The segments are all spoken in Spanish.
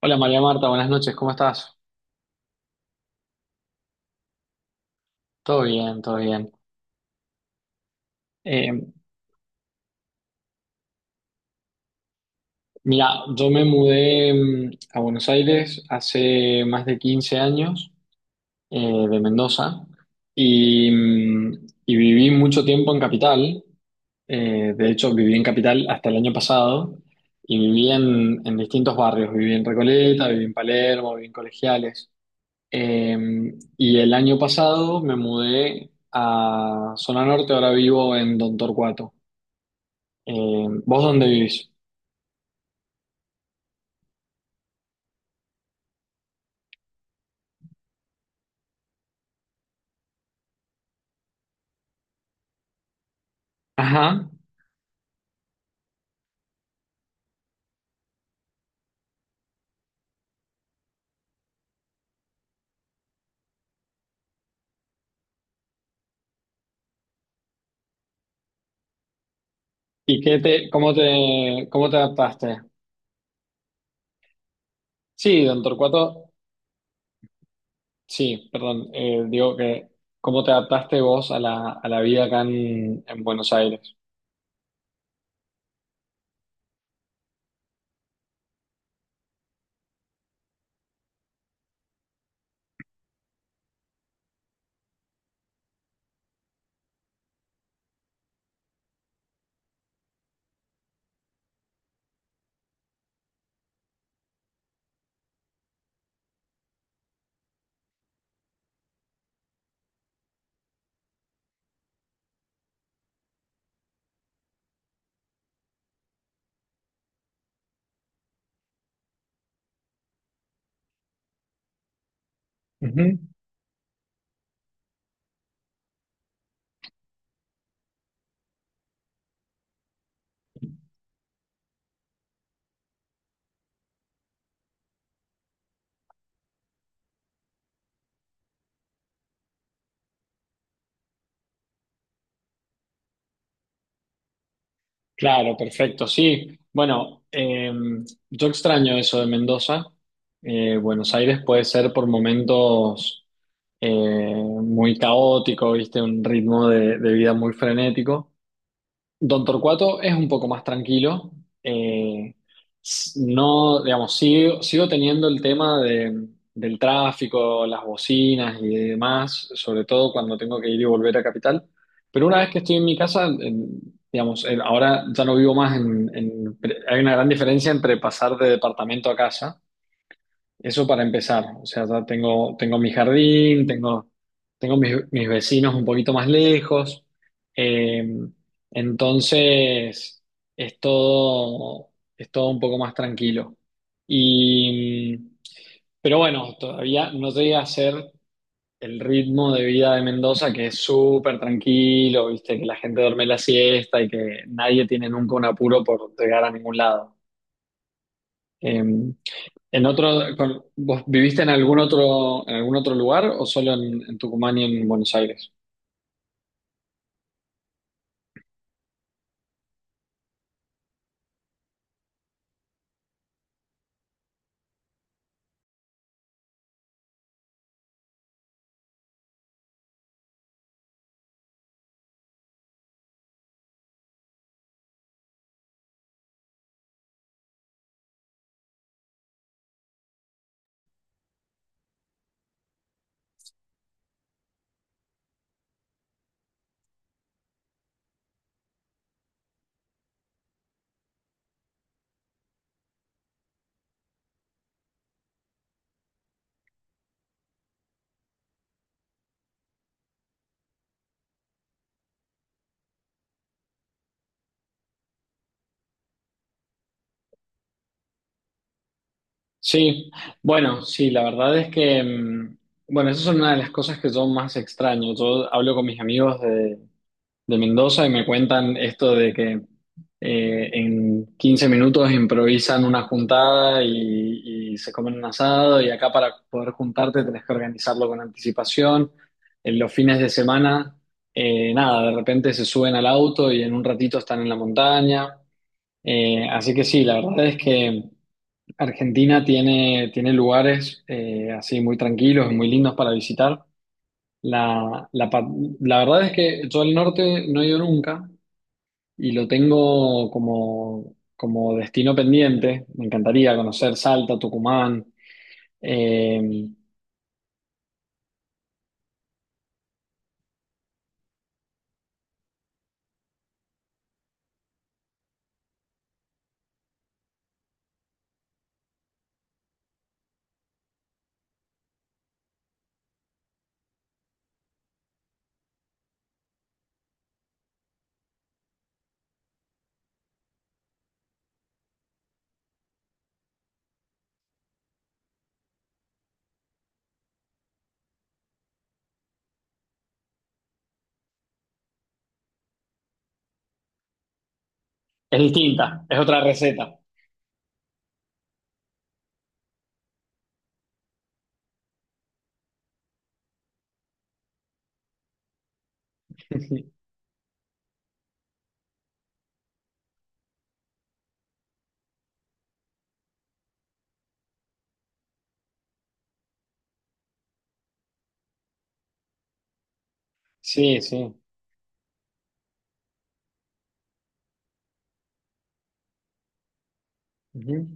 Hola María Marta, buenas noches, ¿cómo estás? Todo bien, todo bien. Eh, mira, yo me mudé a Buenos Aires hace más de 15 años de Mendoza y, mm, y viví mucho tiempo en Capital. De hecho, viví en Capital hasta el año pasado y viví en distintos barrios. Viví en Recoleta, viví en Palermo, viví en Colegiales. Eh, y el año pasado me mudé a Zona Norte, ahora vivo en Don Torcuato. ¿Vos dónde vivís? Ajá. ¿Y cómo te adaptaste? Sí, don Torcuato, sí, perdón, digo ¿cómo te adaptaste vos a a la vida acá en Buenos Aires? Ujú. Claro, perfecto, sí. Bueno, yo extraño eso de Mendoza. Buenos Aires puede ser por momentos eh, muy caótico, ¿viste? Un ritmo de vida muy frenético. Don Torcuato es un poco más tranquilo. eh, no, digamos, sigo teniendo el tema del tráfico, las bocinas y demás, sobre todo cuando tengo que ir y volver a Capital. Pero una vez que estoy en mi casa, digamos, ahora ya no vivo más hay una gran diferencia entre pasar de departamento a casa. Eso para empezar. O sea, ya tengo mi jardín, tengo, tengo mis vecinos un poquito más lejos. Eh, entonces, es todo, es todo un poco más tranquilo. Y, pero bueno, todavía no llega a ser el ritmo de vida de Mendoza, que es súper tranquilo, viste, que la gente duerme la siesta y que nadie tiene nunca un apuro por llegar a ningún lado. Eh, ¿En otro, vos viviste en algún otro lugar o solo en Tucumán y en Buenos Aires? Sí, bueno, sí, la verdad es que, mm, bueno, esa es una de las cosas que yo más extraño. Yo hablo con mis amigos de Mendoza y me cuentan esto de que en 15 minutos improvisan una juntada y se comen un asado y acá para poder juntarte tenés que organizarlo con anticipación. En los fines de semana, nada, de repente se suben al auto y en un ratito están en la montaña. Así que sí, la verdad es que Argentina tiene lugares así muy tranquilos, muy lindos para visitar. La, la, pa- la verdad es que yo al norte no he ido nunca, y lo tengo como, como destino pendiente. Me encantaría conocer Salta, Tucumán. Eh, es distinta, es otra receta. Sí, sí. Ujú.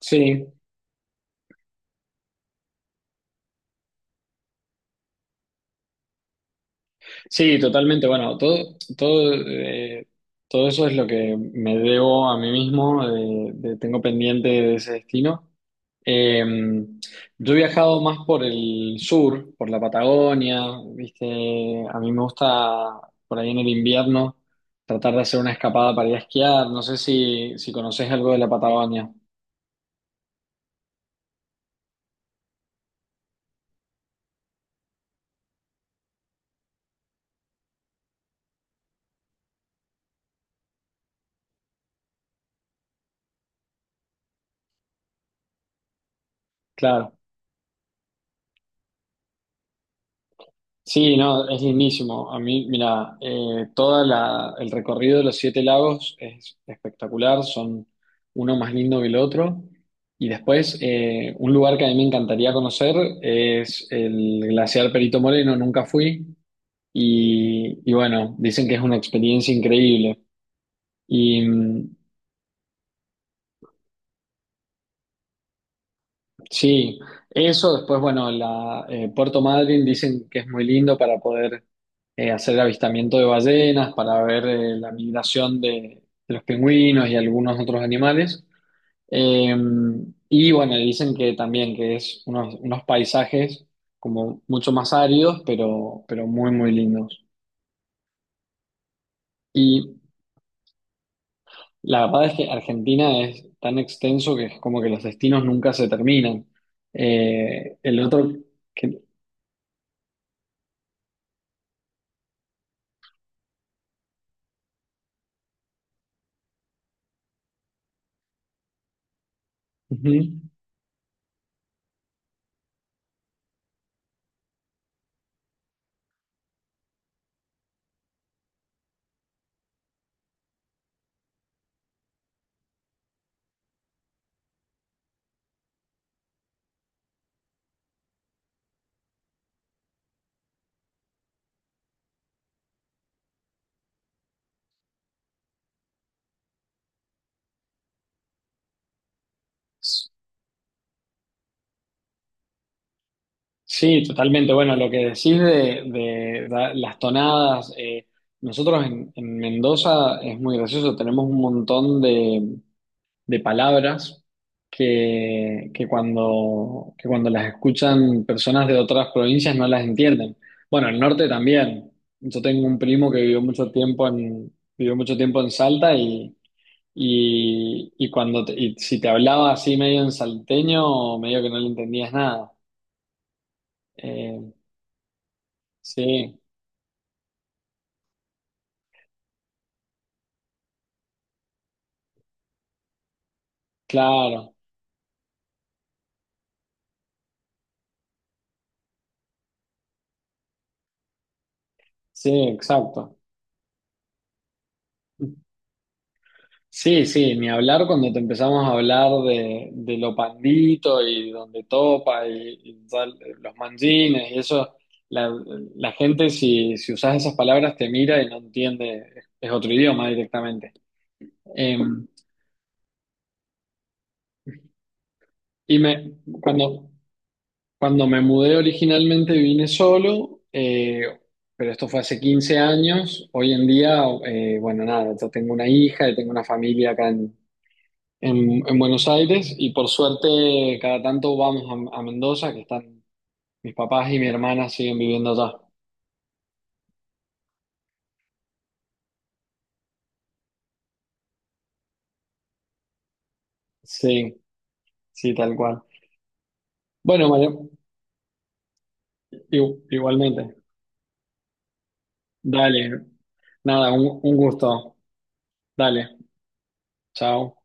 Sí, sí, totalmente. Bueno, todo, todo, todo eso es lo que me debo a mí mismo, tengo pendiente de ese destino. Eh, yo he viajado más por el sur, por la Patagonia, ¿viste? A mí me gusta por ahí en el invierno tratar de hacer una escapada para ir a esquiar. No sé si conoces algo de la Patagonia. Claro. Sí, no, es lindísimo. A mí, mira, el recorrido de los 7 lagos es espectacular, son uno más lindo que el otro. Y después, un lugar que a mí me encantaría conocer es el glaciar Perito Moreno, nunca fui. Y bueno, dicen que es una experiencia increíble. Y sí, eso, después, bueno, Puerto Madryn dicen que es muy lindo para poder hacer avistamiento de ballenas para ver la migración de los pingüinos y algunos otros animales. Eh, y bueno, dicen que también que es unos paisajes como mucho más áridos, pero muy lindos. Y la verdad es que Argentina es tan extenso que es como que los destinos nunca se terminan. El otro que... Ujú. Sí, totalmente. Bueno, lo que decís las tonadas, nosotros en Mendoza es muy gracioso, tenemos un montón de palabras que cuando las escuchan personas de otras provincias no las entienden. Bueno, el norte también. Yo tengo un primo que vivió mucho tiempo vivió mucho tiempo en Salta y cuando y si te hablaba así medio en salteño, medio que no le entendías nada. Eh, Sí, claro, sí, exacto. Sí, sí, ni hablar cuando te empezamos a hablar de lo pandito y donde topa y tal, los manjines y eso, la, la gente si usas esas palabras te mira y no entiende, es otro idioma directamente. Eh, cuando, cuando me mudé originalmente vine solo, pero esto fue hace 15 años, hoy en día, bueno, nada, yo tengo una hija y tengo una familia acá en Buenos Aires y por suerte cada tanto vamos a Mendoza, que están mis papás y mi hermana siguen viviendo allá. Sí, sí, tal cual. Bueno, María, igualmente. Dale, nada, un gusto. Dale, chao.